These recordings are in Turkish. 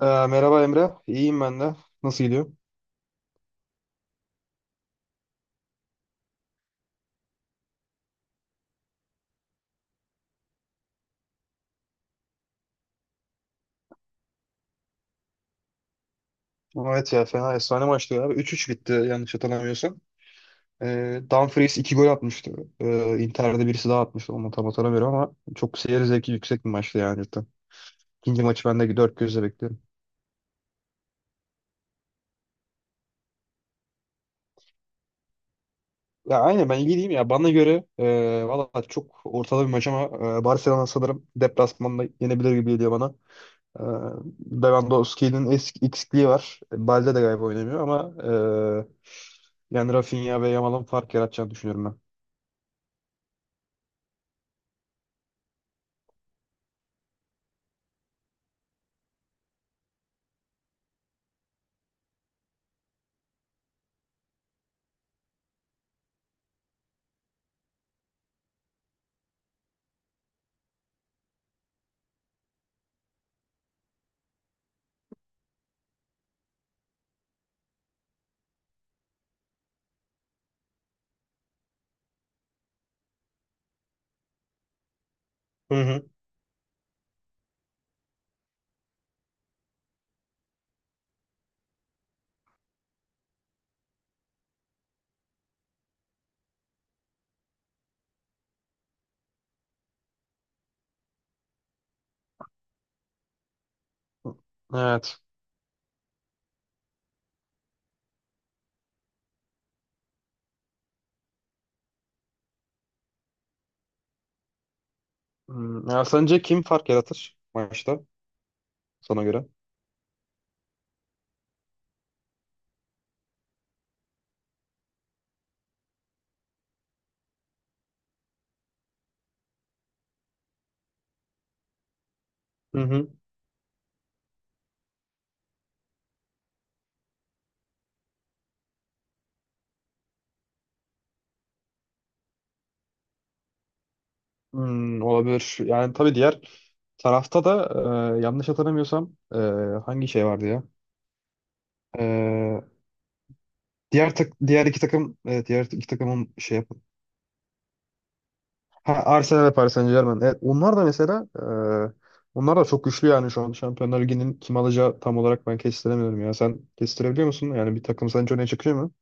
Merhaba Emre. İyiyim ben de. Nasıl gidiyor? Evet ya fena efsane maçtı ya. 3 bitti yanlış hatırlamıyorsam. Dumfries 2 gol atmıştı. Inter'de birisi daha atmıştı. Onu tam hatırlamıyorum ama çok seyir zevki yüksek bir maçtı yani cidden. İkinci maçı ben de dört gözle bekliyorum. Ya aynen ben ilgiliyim ya. Bana göre valla çok ortada bir maç ama Barcelona sanırım deplasmanda yenebilir gibi geliyor bana. Ee, Lewandowski'nin eksikliği var. Balde de galiba oynamıyor ama e, yani Rafinha ve Yamal'ın fark yaratacağını düşünüyorum ben. Hı hı. Evet. Ya sence kim fark yaratır maçta sana göre? Hı hı. Olabilir. Yani tabii diğer tarafta da yanlış hatırlamıyorsam hangi şey vardı ya? Ee, diğer iki takım evet diğer iki takımın şey yapın. Ha Arsenal ve Paris Saint-Germain. Evet onlar da mesela onlar da çok güçlü yani şu an Şampiyonlar Ligi'nin kim alacağı tam olarak ben kestiremiyorum ya. Sen kestirebiliyor musun? Yani bir takım sence öne çıkıyor mu?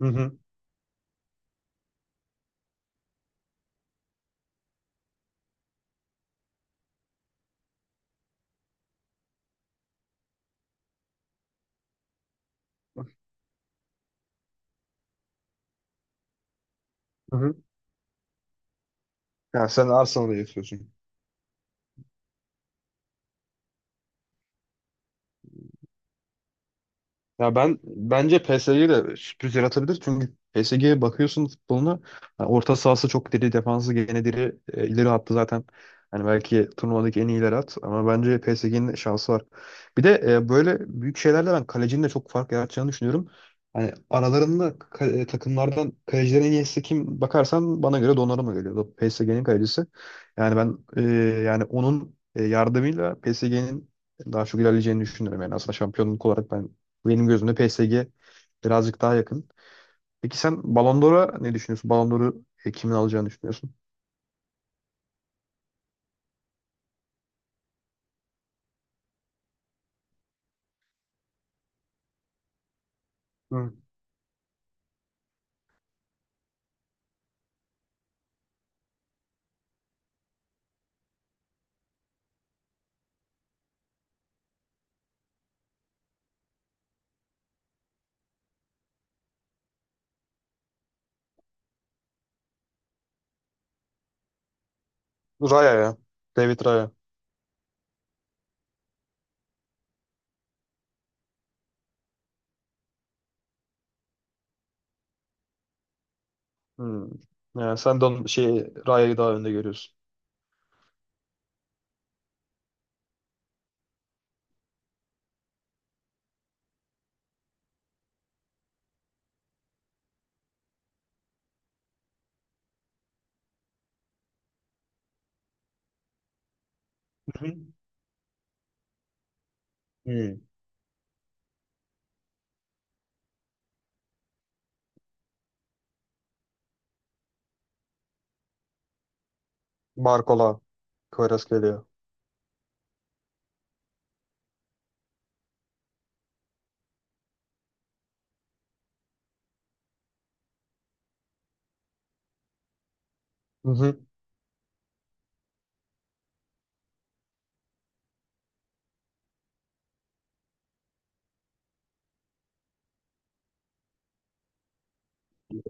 Hı hı. Hı hı. Ya sen Arsenal'ı yapıyorsun. Ya ben bence PSG'ye de sürpriz yaratabilir. Çünkü PSG'ye bakıyorsun futboluna. Yani orta sahası çok diri, defansı gene diri. E, ileri hattı zaten. Hani belki turnuvadaki en iyiler at. Ama bence PSG'nin şansı var. Bir de böyle büyük şeylerle ben kalecinin de çok fark yaratacağını düşünüyorum. Hani aralarında takımlardan kalecilerin en iyisi kim bakarsan bana göre Donnarumma geliyor. PSG'nin kalecisi. Yani ben yani onun yardımıyla PSG'nin daha çok ilerleyeceğini düşünüyorum. Yani aslında şampiyonluk olarak benim gözümde PSG birazcık daha yakın. Peki sen Ballon d'Or'a ne düşünüyorsun? Ballon d'Or'u kimin alacağını düşünüyorsun? Hı. Raya ya. David Raya. Hı. Yani sen de onun, şey, Raya'yı daha önde görüyorsun. Hı hı. Hı. Barcola, Kvaratskhelia geliyor. Hı hı.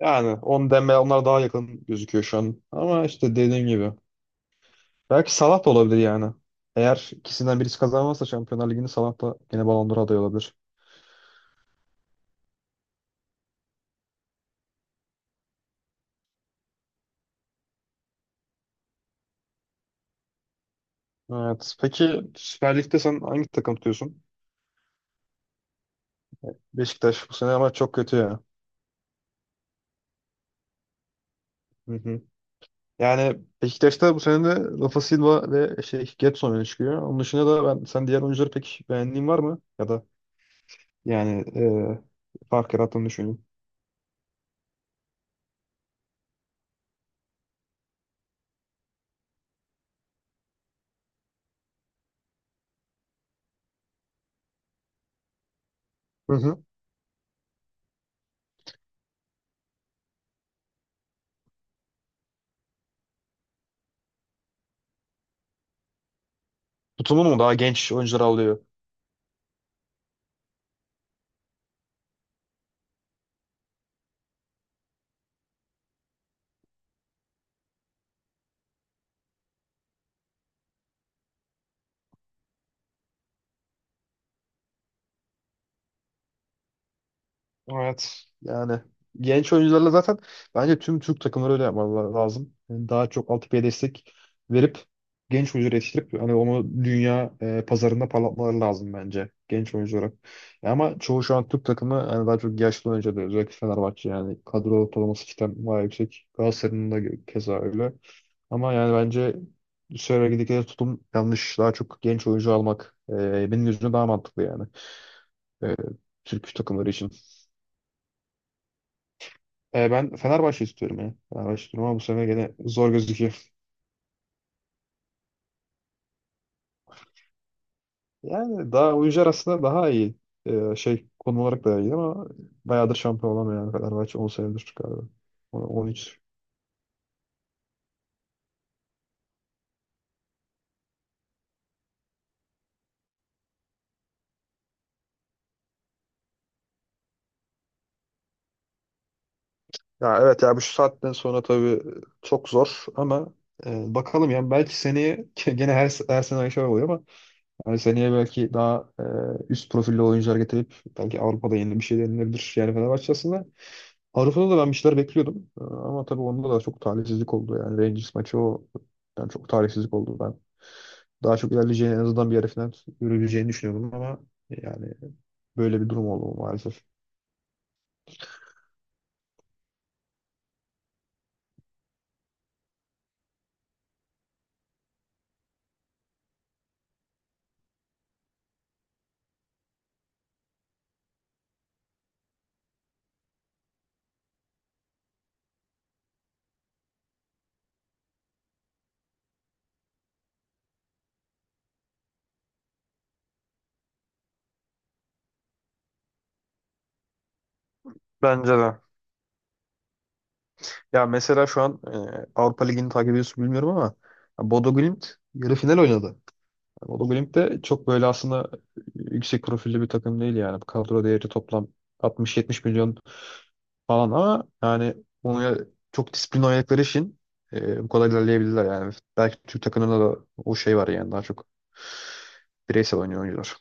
Yani on deme onlar daha yakın gözüküyor şu an. Ama işte dediğim gibi. Belki Salah da olabilir yani. Eğer ikisinden birisi kazanmazsa Şampiyonlar Ligi'ni Salah da gene Ballon d'Or adayı olabilir. Evet. Peki Süper Lig'de sen hangi takım tutuyorsun? Beşiktaş bu sene ama çok kötü ya. Hı hı. Yani Beşiktaş'ta bu sene de Rafa Silva ve şey Gedson öne çıkıyor. Onun dışında da sen diğer oyuncuları pek beğendiğin var mı? Ya da yani fark yarattığını düşünüyorum. Hı hı. Tutumun mu daha genç oyuncular alıyor? Evet. Yani genç oyuncularla zaten bence tüm Türk takımları öyle yapmaları lazım. Yani daha çok altyapıya destek verip genç oyuncuları yetiştirip hani onu dünya pazarında parlatmaları lazım bence genç oyunculara. Ama çoğu şu an Türk takımı hani daha çok yaşlı oyuncu alıyor. Özellikle Fenerbahçe yani kadro ortalaması cidden bayağı yüksek. Galatasaray'ın da keza öyle. Ama yani bence söyledikleri tutum yanlış. Daha çok genç oyuncu almak benim gözümde daha mantıklı yani. E, Türk takımları için. Ben Fenerbahçe istiyorum ya. Fenerbahçe istiyorum ama bu sene gene zor gözüküyor. Yani daha oyuncu aslında daha iyi. Şey konum olarak da iyi ama bayağıdır şampiyon olamıyor yani Fenerbahçe 10 senedir galiba. 13. Ya evet ya bu şu saatten sonra tabii çok zor ama bakalım yani belki seneye gene her sene aynı şey oluyor ama yani seneye belki daha üst profilli oyuncular getirip belki Avrupa'da yeni bir şey denilebilir. Yani Fenerbahçe aslında Avrupa'da da ben bir şeyler bekliyordum. Ama tabii onda da çok talihsizlik oldu. Yani Rangers maçı o yani çok talihsizlik oldu. Ben daha çok ilerleyeceğini en azından bir yarı final yürüyeceğini düşünüyordum ama yani böyle bir durum oldu maalesef. Bence de. Ya mesela şu an Avrupa Ligi'ni takip ediyorsun bilmiyorum ama ya Bodo Glimt yarı final oynadı. Yani Bodo Glimt de çok böyle aslında yüksek profilli bir takım değil yani. Kadro değeri toplam 60-70 milyon falan ama yani onu çok disiplinli oynadıkları için bu kadar ilerleyebilirler yani. Belki Türk takımında da o şey var yani daha çok bireysel oynuyor oyuncular.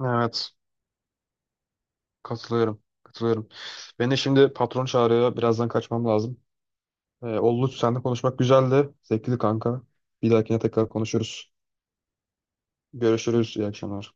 Evet, katılıyorum. Katılıyorum. Beni şimdi patron çağırıyor. Birazdan kaçmam lazım. Ollu seninle konuşmak güzeldi. Zevkli kanka. Bir dahakine tekrar konuşuruz. Görüşürüz. İyi akşamlar.